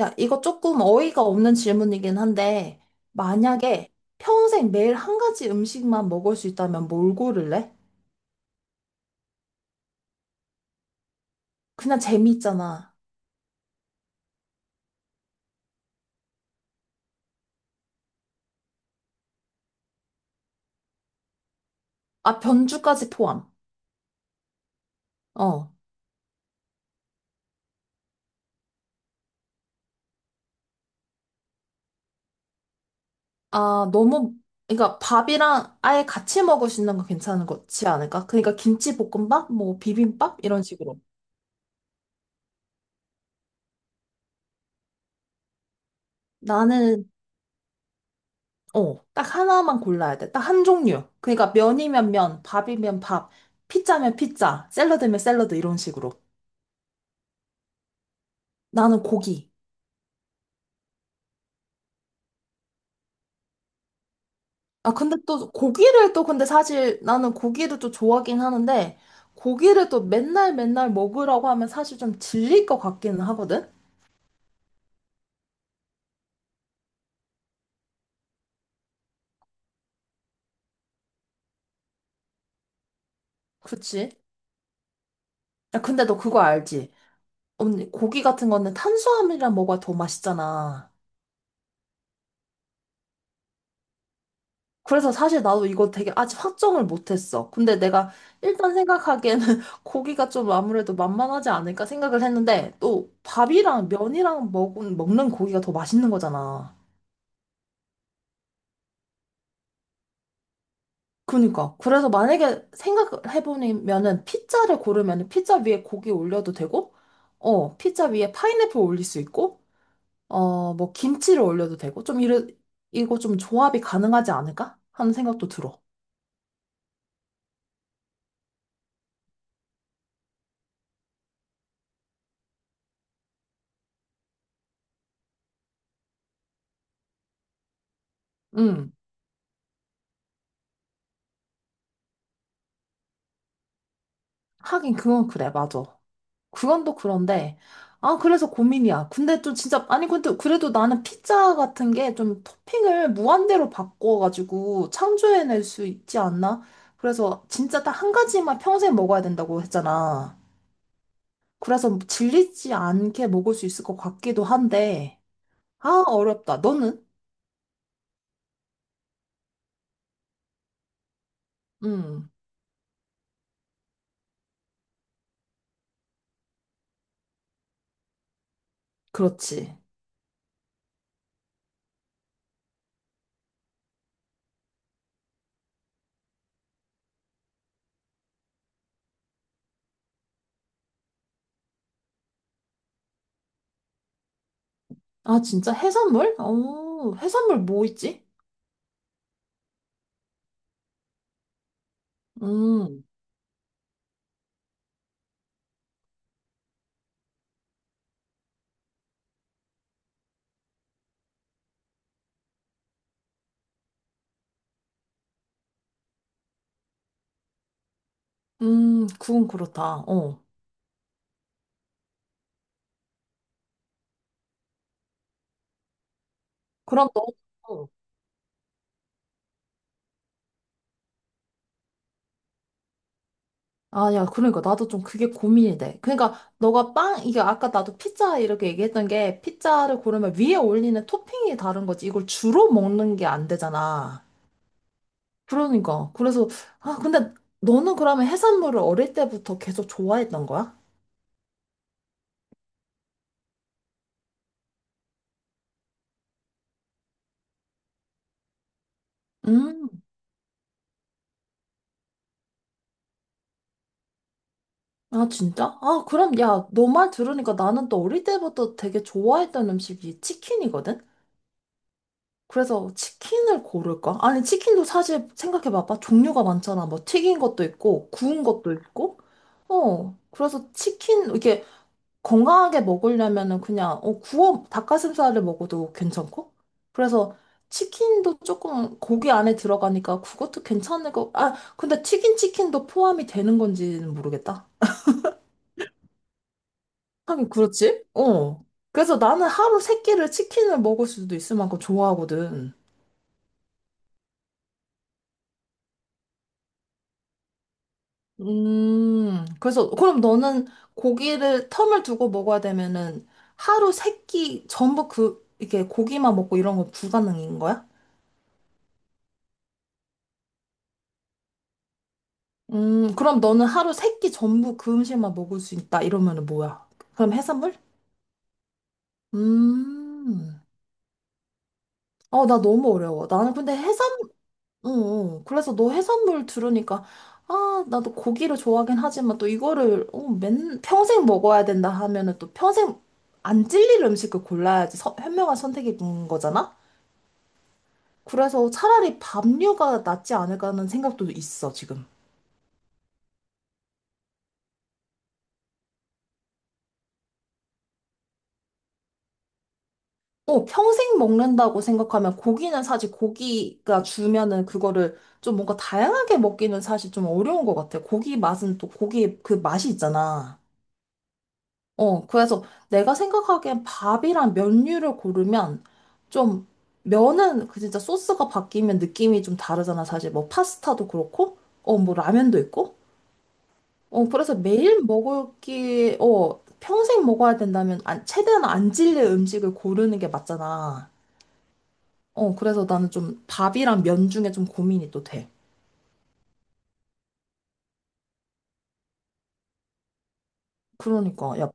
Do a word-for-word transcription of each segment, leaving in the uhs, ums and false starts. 야, 이거 조금 어이가 없는 질문이긴 한데, 만약에 평생 매일 한 가지 음식만 먹을 수 있다면 뭘 고를래? 그냥 재미있잖아. 아, 변주까지 포함. 어. 아, 너무, 그러니까 밥이랑 아예 같이 먹을 수 있는 거 괜찮은 거지 않을까? 그러니까 김치볶음밥, 뭐 비빔밥 이런 식으로. 나는 어, 딱 하나만 골라야 돼. 딱 한 종류. 그러니까 면이면 면, 밥이면 밥, 피자면 피자, 샐러드면 샐러드 이런 식으로. 나는 고기. 아, 근데 또 고기를 또 근데 사실 나는 고기를 또 좋아하긴 하는데 고기를 또 맨날 맨날 먹으라고 하면 사실 좀 질릴 것 같기는 하거든? 그치? 야, 근데 너 그거 알지? 언니, 고기 같은 거는 탄수화물이랑 먹어야 더 맛있잖아. 그래서 사실 나도 이거 되게 아직 확정을 못했어. 근데 내가 일단 생각하기에는 고기가 좀 아무래도 만만하지 않을까 생각을 했는데 또 밥이랑 면이랑 먹은, 먹는 고기가 더 맛있는 거잖아. 그니까. 그래서 만약에 생각해보면은 피자를 고르면은 피자 위에 고기 올려도 되고, 어, 피자 위에 파인애플 올릴 수 있고, 어, 뭐 김치를 올려도 되고, 좀 이래, 이거 좀 조합이 가능하지 않을까 하는 생각도 들어. 음 하긴 그건 그래, 맞아. 그건 또 그런데, 아, 그래서 고민이야. 근데 좀 진짜, 아니, 근데 그래도 나는 피자 같은 게 좀 토핑을 무한대로 바꿔가지고 창조해낼 수 있지 않나? 그래서 진짜 딱 한 가지만 평생 먹어야 된다고 했잖아. 그래서 질리지 않게 먹을 수 있을 것 같기도 한데, 아, 어렵다. 너는? 음, 그렇지. 아, 진짜 해산물? 어, 해산물 뭐 있지? 음, 음, 그건 그렇다. 어. 그럼 너, 어. 아, 야, 그러니까 나도 좀 그게 고민이 돼. 그러니까 너가 빵, 이게 아까 나도 피자 이렇게 얘기했던 게 피자를 고르면 위에 올리는 토핑이 다른 거지. 이걸 주로 먹는 게 안 되잖아. 그러니까. 그래서, 아, 근데 너는 그러면 해산물을 어릴 때부터 계속 좋아했던 거야? 음, 아, 진짜? 아, 그럼 야, 너 말 들으니까 나는 또 어릴 때부터 되게 좋아했던 음식이 치킨이거든? 그래서 치킨을 고를까? 아니, 치킨도 사실 생각해봐봐. 종류가 많잖아. 뭐 튀긴 것도 있고, 구운 것도 있고. 어, 그래서 치킨, 이게 건강하게 먹으려면은 그냥, 어, 구워, 닭가슴살을 먹어도 괜찮고. 그래서 치킨도 조금 고기 안에 들어가니까 그것도 괜찮을 거. 아, 근데 튀긴 치킨도 포함이 되는 건지는 모르겠다. 하긴 그렇지? 어. 그래서 나는 하루 세 끼를 치킨을 먹을 수도 있을 만큼 좋아하거든. 음, 그래서, 그럼 너는 고기를 텀을 두고 먹어야 되면은 하루 세끼 전부 그, 이게 고기만 먹고 이런 건 불가능인 거야? 음, 그럼 너는 하루 세끼 전부 그 음식만 먹을 수 있다 이러면은 뭐야? 그럼 해산물? 음, 어, 나 너무 어려워. 나는 근데 해산물 응, 응. 그래서 너 해산물 들으니까, 아, 나도 고기를 좋아하긴 하지만 또 이거를, 어, 맨, 평생 먹어야 된다 하면은 또 평생 안 질릴 음식을 골라야지 서- 현명한 선택인 거잖아? 그래서 차라리 밥류가 낫지 않을까 하는 생각도 있어, 지금. 어, 평생 먹는다고 생각하면 고기는 사실 고기가 주면은 그거를 좀 뭔가 다양하게 먹기는 사실 좀 어려운 것 같아. 고기 맛은 또 고기의 그 맛이 있잖아. 어, 그래서 내가 생각하기엔 밥이랑 면류를 고르면 좀 면은 그 진짜 소스가 바뀌면 느낌이 좀 다르잖아. 사실 뭐 파스타도 그렇고, 어, 뭐 라면도 있고. 어, 그래서 매일 먹을기, 어, 평생 먹어야 된다면 안, 최대한 안 질릴 음식을 고르는 게 맞잖아. 어, 그래서 나는 좀 밥이랑 면 중에 좀 고민이 또 돼. 그러니까, 야,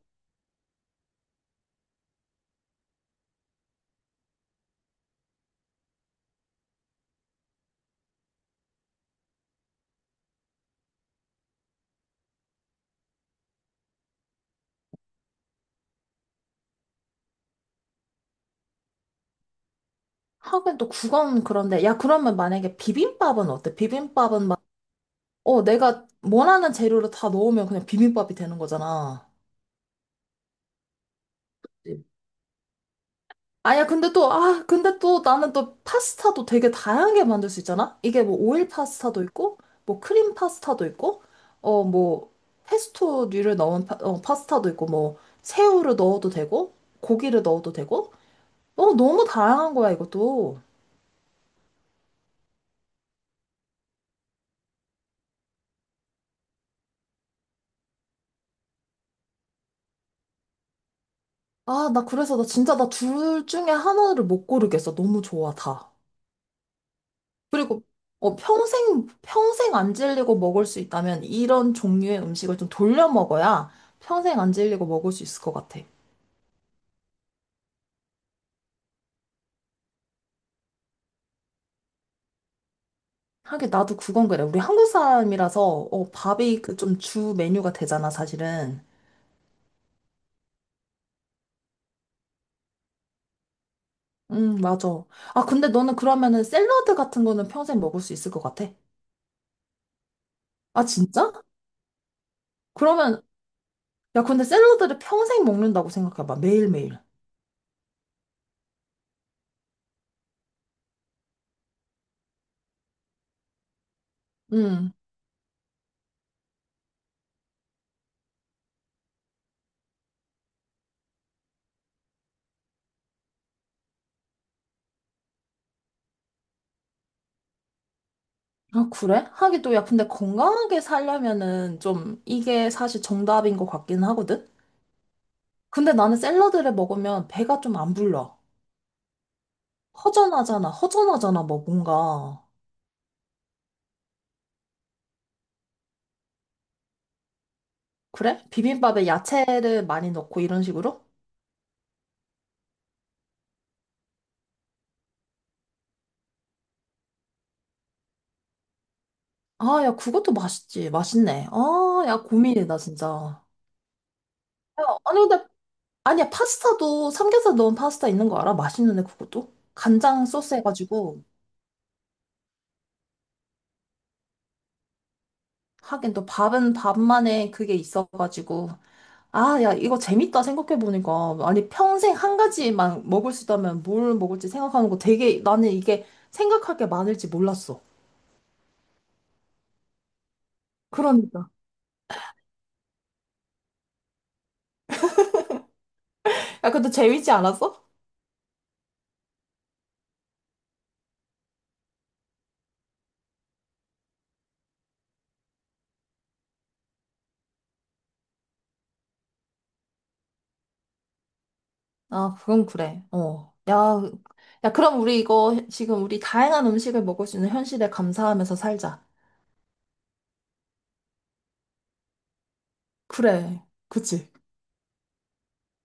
하긴 또 국은 그런데, 야, 그러면 만약에 비빔밥은 어때? 비빔밥은 어, 내가 원하는 재료를 다 넣으면 그냥 비빔밥이 되는 거잖아. 그 아야, 근데 또, 아, 근데 또 나는 또 파스타도 되게 다양하게 만들 수 있잖아? 이게 뭐 오일 파스타도 있고, 뭐 크림 파스타도 있고, 어, 뭐, 페스토류를 넣은 파, 어, 파스타도 있고, 뭐, 새우를 넣어도 되고, 고기를 넣어도 되고, 어, 너무 다양한 거야, 이것도. 아, 나 그래서 나 진짜 나 둘 중에 하나를 못 고르겠어. 너무 좋아, 다. 그리고 어, 평생, 평생 안 질리고 먹을 수 있다면 이런 종류의 음식을 좀 돌려 먹어야 평생 안 질리고 먹을 수 있을 것 같아. 하긴 나도 그건 그래. 우리 한국 사람이라서 어, 밥이 그 좀 주 메뉴가 되잖아, 사실은. 응 맞아. 아, 근데 너는 그러면은 샐러드 같은 거는 평생 먹을 수 있을 것 같아? 아, 진짜? 그러면, 야, 근데 샐러드를 평생 먹는다고 생각해봐. 매일매일. 응. 아, 그래? 하긴 또, 야, 근데 건강하게 살려면은 좀 이게 사실 정답인 것 같긴 하거든? 근데 나는 샐러드를 먹으면 배가 좀 안 불러. 허전하잖아, 허전하잖아, 뭐 뭔가. 그래? 비빔밥에 야채를 많이 넣고 이런 식으로? 아, 야, 그것도 맛있지. 맛있네. 아, 야, 고민이다, 진짜. 야, 아니, 근데, 아니야, 파스타도 삼겹살 넣은 파스타 있는 거 알아? 맛있는데, 그것도? 간장 소스 해가지고. 하긴 또 밥은 밥만의 그게 있어가지고. 아, 야, 이거 재밌다 생각해보니까. 아니, 평생 한 가지만 먹을 수 있다면 뭘 먹을지 생각하는 거 되게 나는 이게 생각할 게 많을지 몰랐어. 그러니까. 야, 근데 재밌지 않았어? 아, 그건 그래. 어. 야, 야, 그럼 우리 이거 지금 우리 다양한 음식을 먹을 수 있는 현실에 감사하면서 살자. 그래. 그치?